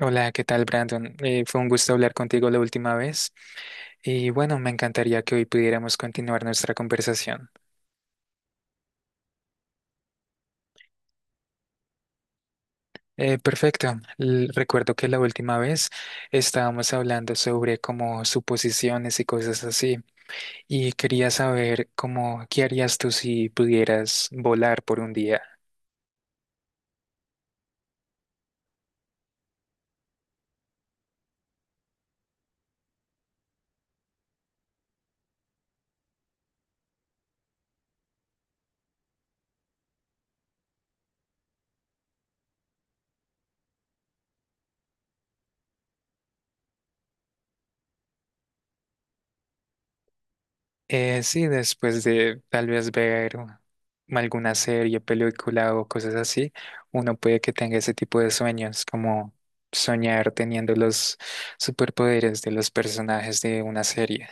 Hola, ¿qué tal, Brandon? Fue un gusto hablar contigo la última vez y bueno, me encantaría que hoy pudiéramos continuar nuestra conversación. Perfecto. Recuerdo que la última vez estábamos hablando sobre como suposiciones y cosas así y quería saber cómo, ¿qué harías tú si pudieras volar por un día? Sí, después de tal vez ver alguna serie, película o cosas así, uno puede que tenga ese tipo de sueños, como soñar teniendo los superpoderes de los personajes de una serie.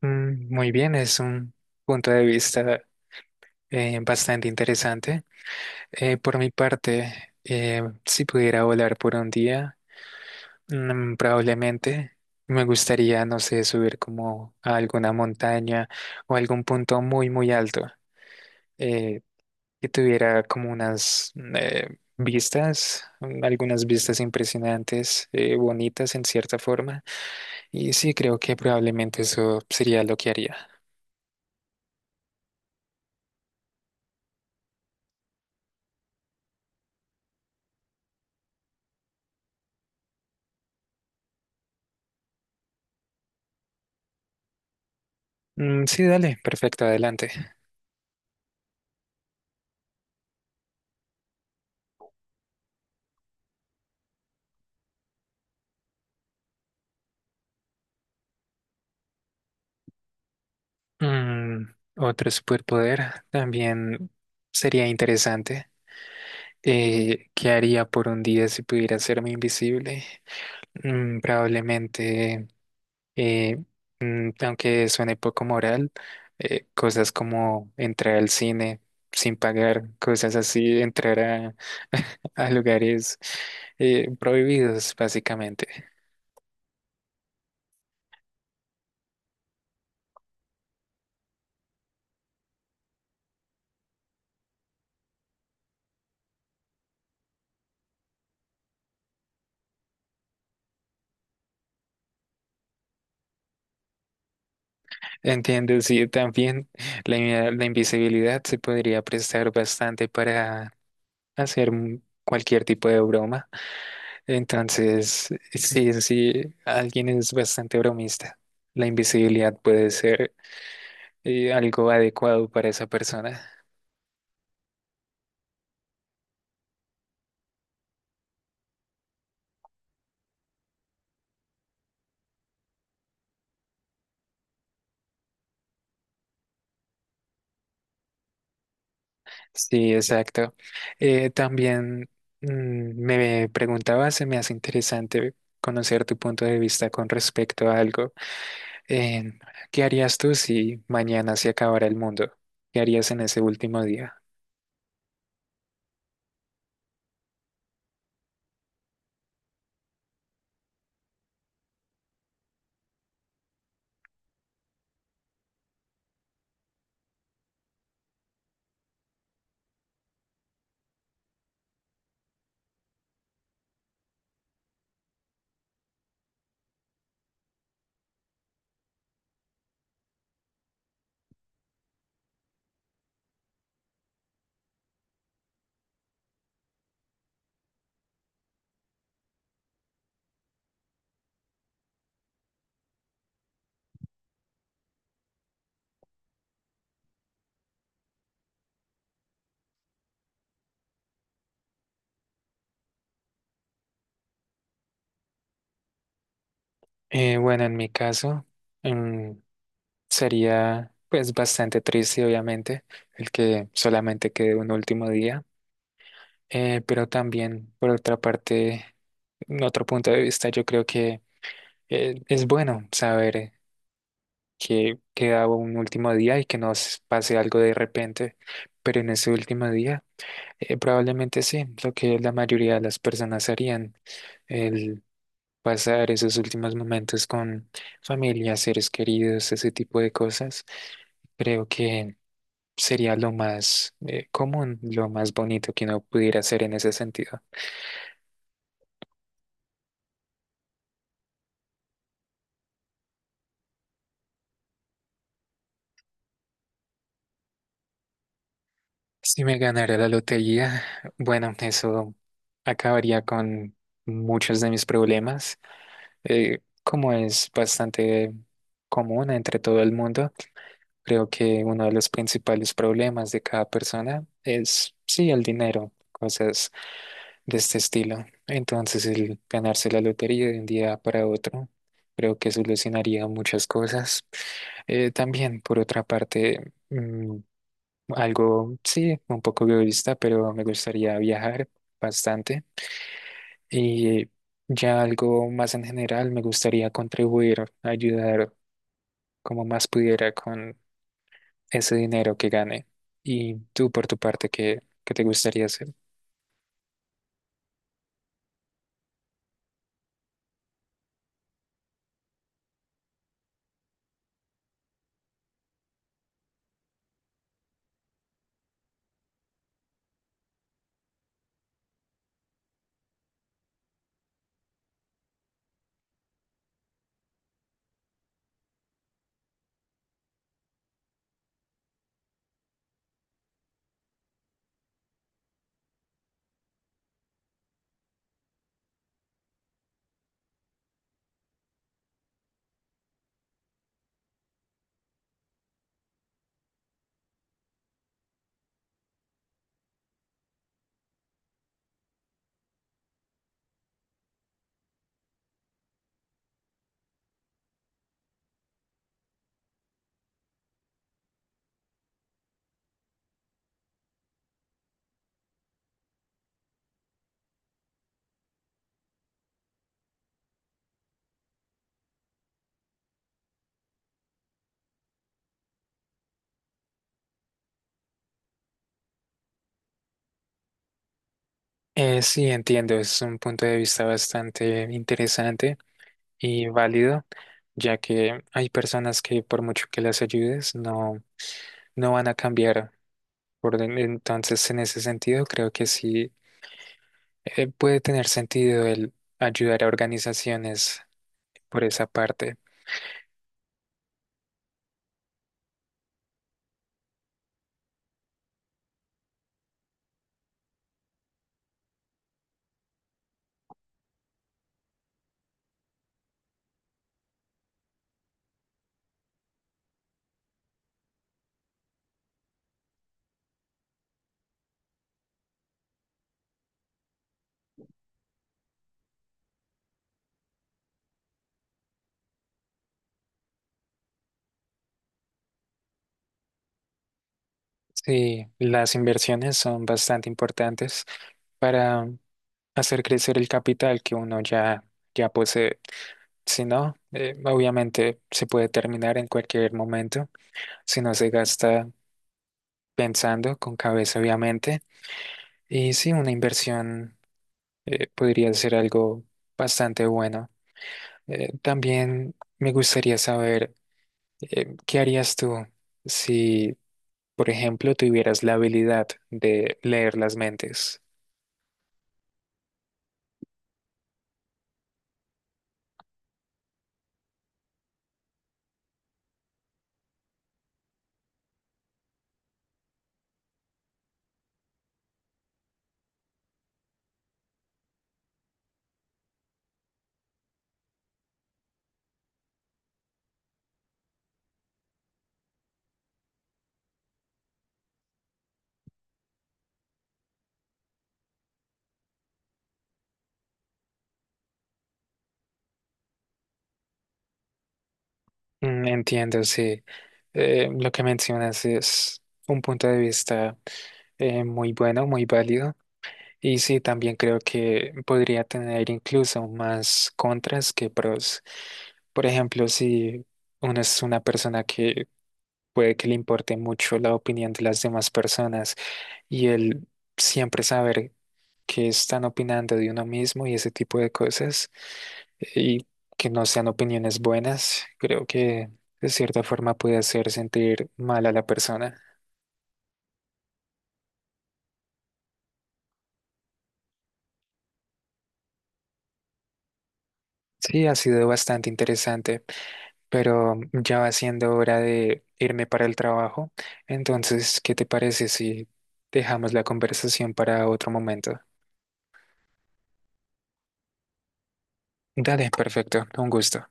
Muy bien, es un punto de vista bastante interesante. Por mi parte, si pudiera volar por un día, probablemente me gustaría, no sé, subir como a alguna montaña o algún punto muy, muy alto eh, que tuviera como unas vistas, algunas vistas impresionantes, bonitas en cierta forma. Y sí, creo que probablemente eso sería lo que haría. Sí, dale, perfecto, adelante. Otro superpoder también sería interesante. ¿Qué haría por un día si pudiera hacerme invisible? Mm, probablemente, eh, aunque suene poco moral, cosas como entrar al cine sin pagar, cosas así, entrar a, a lugares prohibidos, básicamente. Entiendo, sí, también la invisibilidad se podría prestar bastante para hacer cualquier tipo de broma. Entonces, sí, sí, alguien es bastante bromista. La invisibilidad puede ser y algo adecuado para esa persona. Sí, exacto. También mm, me preguntaba, se me hace interesante conocer tu punto de vista con respecto a algo. Em, ¿Qué harías tú si mañana se acabara el mundo? ¿Qué harías en ese último día? Bueno, en mi caso, mm, sería pues bastante triste, obviamente, el que solamente quede un último día. Pero también, por otra parte, en otro punto de vista, yo creo que es bueno saber que queda un último día y que nos pase algo de repente, pero en ese último día probablemente sí, lo que la mayoría de las personas harían, el pasar esos últimos momentos con familia, seres queridos, ese tipo de cosas, creo que sería lo más común, lo más bonito que uno pudiera hacer en ese sentido. Si me ganara la lotería, bueno, eso acabaría con muchos de mis problemas. Como es bastante común entre todo el mundo, creo que uno de los principales problemas de cada persona es, sí, el dinero, cosas de este estilo. Entonces, el ganarse la lotería de un día para otro, creo que solucionaría muchas cosas. También, por otra parte, algo, sí, un poco egoísta, pero me gustaría viajar bastante. Y ya algo más en general, me gustaría contribuir, ayudar como más pudiera con ese dinero que gane. Y tú, por tu parte, ¿qué, qué te gustaría hacer? Sí, entiendo, es un punto de vista bastante interesante y válido, ya que hay personas que por mucho que las ayudes, no, no van a cambiar. Entonces, en ese sentido, creo que sí. Puede tener sentido el ayudar a organizaciones por esa parte. Sí, las inversiones son bastante importantes para hacer crecer el capital que uno ya, ya posee. Si no, obviamente se puede terminar en cualquier momento, si no se gasta pensando con cabeza, obviamente. Y sí, una inversión podría ser algo bastante bueno. También me gustaría saber ¿qué harías tú si, por ejemplo, tuvieras la habilidad de leer las mentes? Entiendo, sí. Lo que mencionas es un punto de vista muy bueno, muy válido. Y sí, también creo que podría tener incluso más contras que pros. Por ejemplo, si uno es una persona que puede que le importe mucho la opinión de las demás personas, y el siempre saber que están opinando de uno mismo y ese tipo de cosas y que no sean opiniones buenas, creo que de cierta forma puede hacer sentir mal a la persona. Sí, ha sido bastante interesante, pero ya va siendo hora de irme para el trabajo. Entonces, ¿qué te parece si dejamos la conversación para otro momento? Dale, perfecto, un gusto.